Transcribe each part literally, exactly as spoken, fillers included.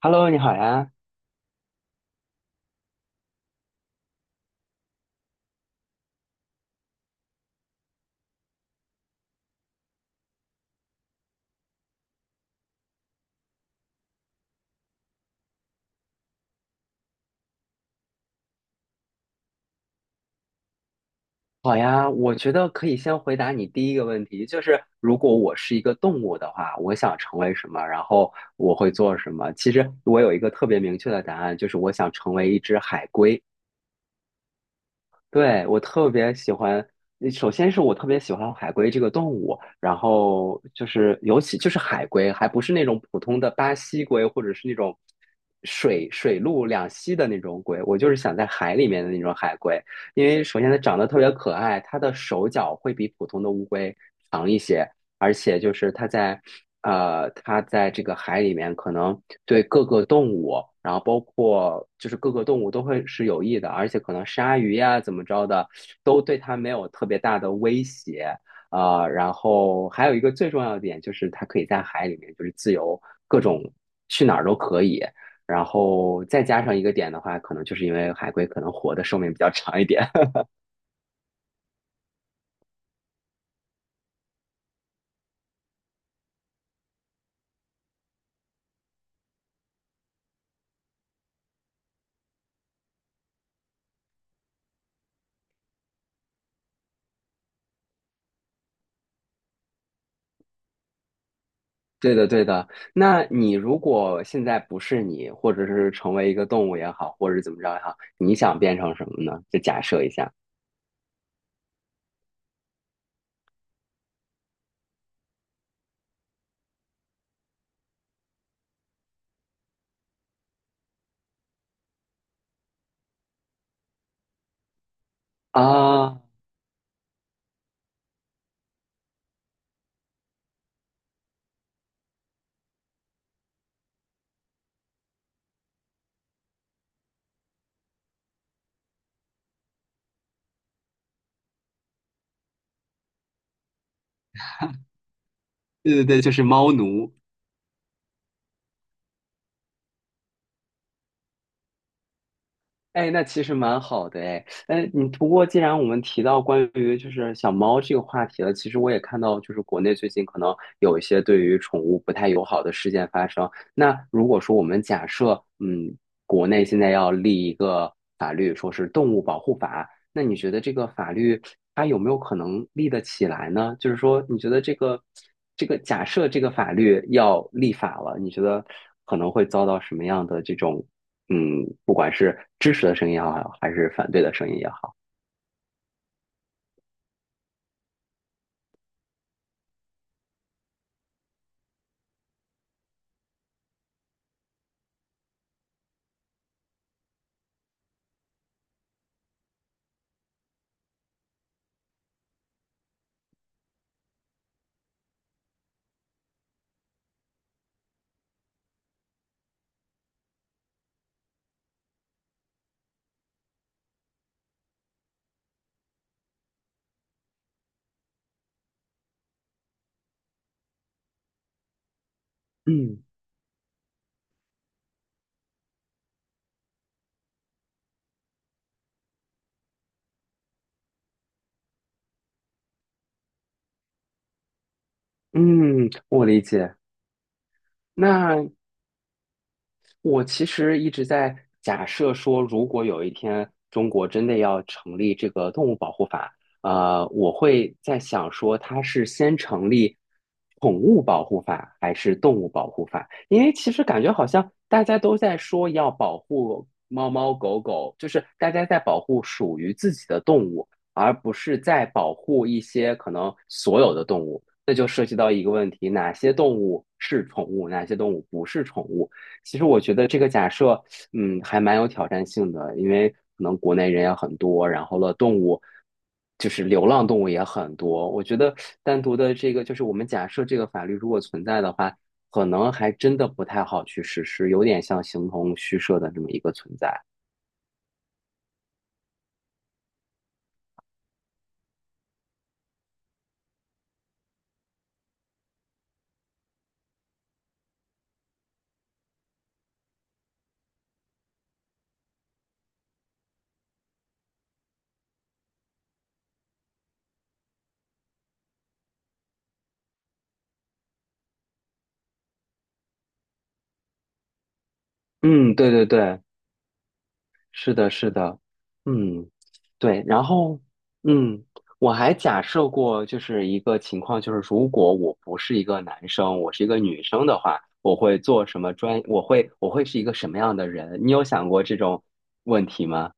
Hello，你好呀，好呀，我觉得可以先回答你第一个问题，就是如果我是一个动物的话，我想成为什么，然后我会做什么。其实我有一个特别明确的答案，就是我想成为一只海龟。对，我特别喜欢，呃首先是我特别喜欢海龟这个动物，然后就是尤其就是海龟，还不是那种普通的巴西龟或者是那种水水陆两栖的那种龟，我就是想在海里面的那种海龟，因为首先它长得特别可爱，它的手脚会比普通的乌龟长一些，而且就是它在呃，它在这个海里面可能对各个动物，然后包括就是各个动物都会是有益的，而且可能鲨鱼呀怎么着的都对它没有特别大的威胁。啊呃，然后还有一个最重要的点就是它可以在海里面就是自由各种去哪儿都可以。然后再加上一个点的话，可能就是因为海龟可能活的寿命比较长一点，对的，对的。那你如果现在不是你，或者是成为一个动物也好，或者是怎么着也好，你想变成什么呢？就假设一下啊，对对对，就是猫奴。哎，那其实蛮好的哎，哎，你不过既然我们提到关于就是小猫这个话题了，其实我也看到就是国内最近可能有一些对于宠物不太友好的事件发生。那如果说我们假设，嗯，国内现在要立一个法律，说是动物保护法，那你觉得这个法律它有没有可能立得起来呢？就是说，你觉得这个这个假设这个法律要立法了，你觉得可能会遭到什么样的这种嗯，不管是支持的声音也好，还是反对的声音也好，嗯嗯，我理解。那我其实一直在假设说，如果有一天中国真的要成立这个动物保护法，呃，我会在想说，它是先成立宠物保护法还是动物保护法？因为其实感觉好像大家都在说要保护猫猫狗狗，就是大家在保护属于自己的动物，而不是在保护一些可能所有的动物。那就涉及到一个问题：哪些动物是宠物，哪些动物不是宠物？其实我觉得这个假设，嗯，还蛮有挑战性的，因为可能国内人也很多，然后了动物，就是流浪动物也很多。我觉得单独的这个，就是我们假设这个法律如果存在的话，可能还真的不太好去实施，有点像形同虚设的这么一个存在。嗯，对对对。是的，是的，嗯，对，然后，嗯，我还假设过，就是一个情况，就是如果我不是一个男生，我是一个女生的话，我会做什么专，我会我会是一个什么样的人？你有想过这种问题吗？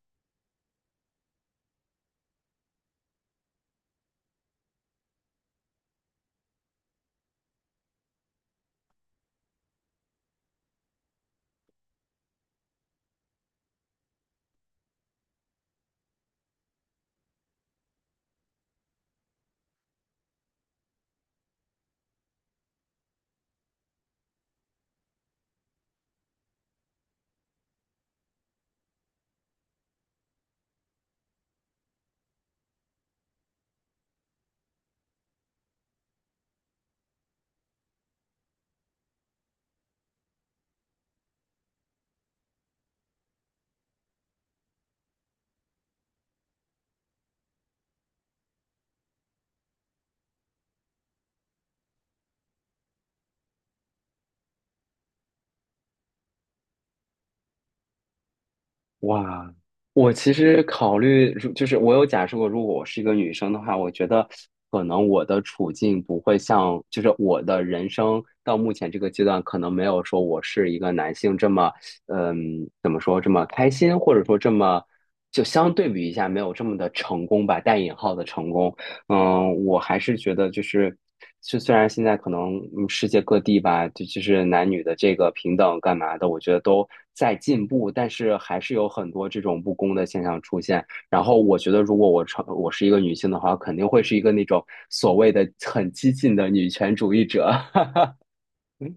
哇，我其实考虑，如就是我有假设过，如果我是一个女生的话，我觉得可能我的处境不会像，就是我的人生到目前这个阶段，可能没有说我是一个男性这么，嗯，怎么说这么开心，或者说这么，就相对比一下没有这么的成功吧，带引号的成功。嗯，我还是觉得就是，就虽然现在可能嗯世界各地吧，就就是男女的这个平等干嘛的，我觉得都在进步，但是还是有很多这种不公的现象出现。然后我觉得，如果我成我是一个女性的话，肯定会是一个那种所谓的很激进的女权主义者。嗯，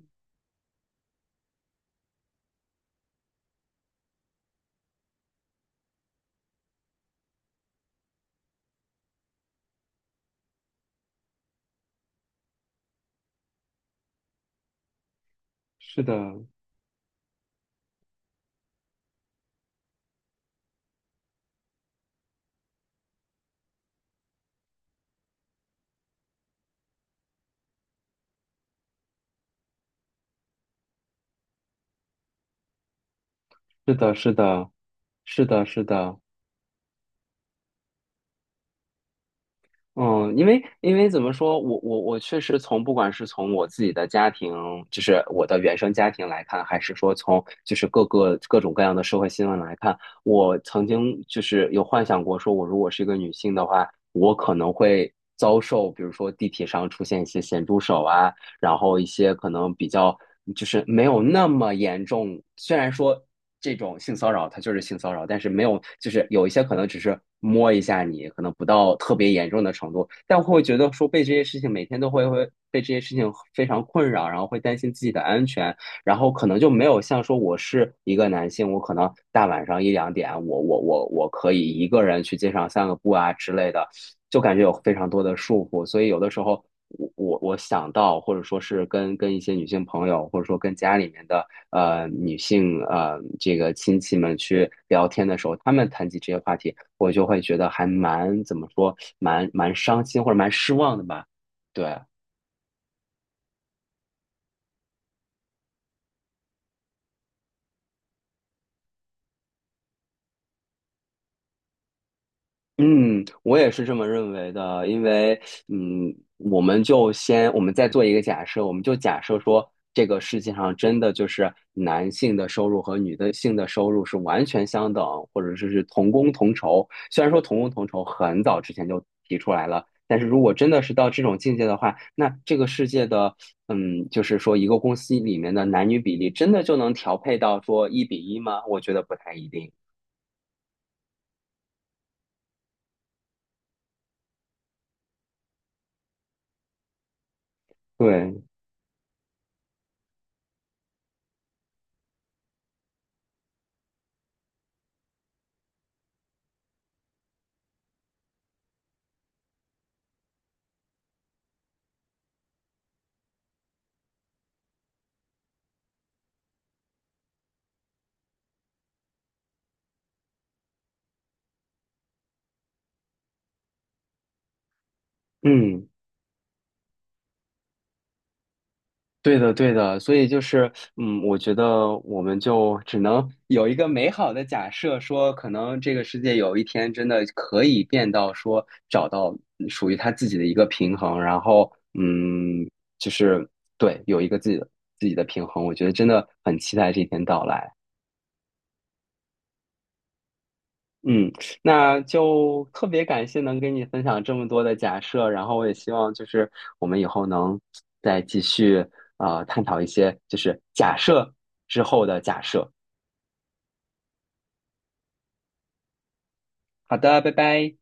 是的，是的，是的，是的，是的。嗯，因为因为怎么说，我我我确实从不管是从我自己的家庭，就是我的原生家庭来看，还是说从就是各个各种各样的社会新闻来看，我曾经就是有幻想过，说我如果是一个女性的话，我可能会遭受，比如说地铁上出现一些咸猪手啊，然后一些可能比较就是没有那么严重，虽然说这种性骚扰它就是性骚扰，但是没有就是有一些可能只是摸一下你，可能不到特别严重的程度，但会觉得说被这些事情每天都会会被这些事情非常困扰，然后会担心自己的安全，然后可能就没有像说我是一个男性，我可能大晚上一两点，我我我我可以一个人去街上散个步啊之类的。就感觉有非常多的束缚，所以有的时候我我我想到，或者说是跟跟一些女性朋友，或者说跟家里面的呃女性呃这个亲戚们去聊天的时候，他们谈起这些话题，我就会觉得还蛮怎么说，蛮蛮伤心或者蛮失望的吧，对。嗯，我也是这么认为的，因为，嗯，我们就先，我们再做一个假设，我们就假设说，这个世界上真的就是男性的收入和女的性的收入是完全相等，或者说是同工同酬。虽然说同工同酬很早之前就提出来了，但是如果真的是到这种境界的话，那这个世界的，嗯，就是说一个公司里面的男女比例真的就能调配到说一比一吗？我觉得不太一定。对，嗯。对的，对的，所以就是，嗯，我觉得我们就只能有一个美好的假设，说可能这个世界有一天真的可以变到说找到嗯属于他自己的一个平衡，然后，嗯，就是对，有一个自己的自己的平衡，我觉得真的很期待这一天到来。嗯，那就特别感谢能跟你分享这么多的假设，然后我也希望就是我们以后能再继续啊、呃探讨一些就是假设之后的假设。好的，拜拜。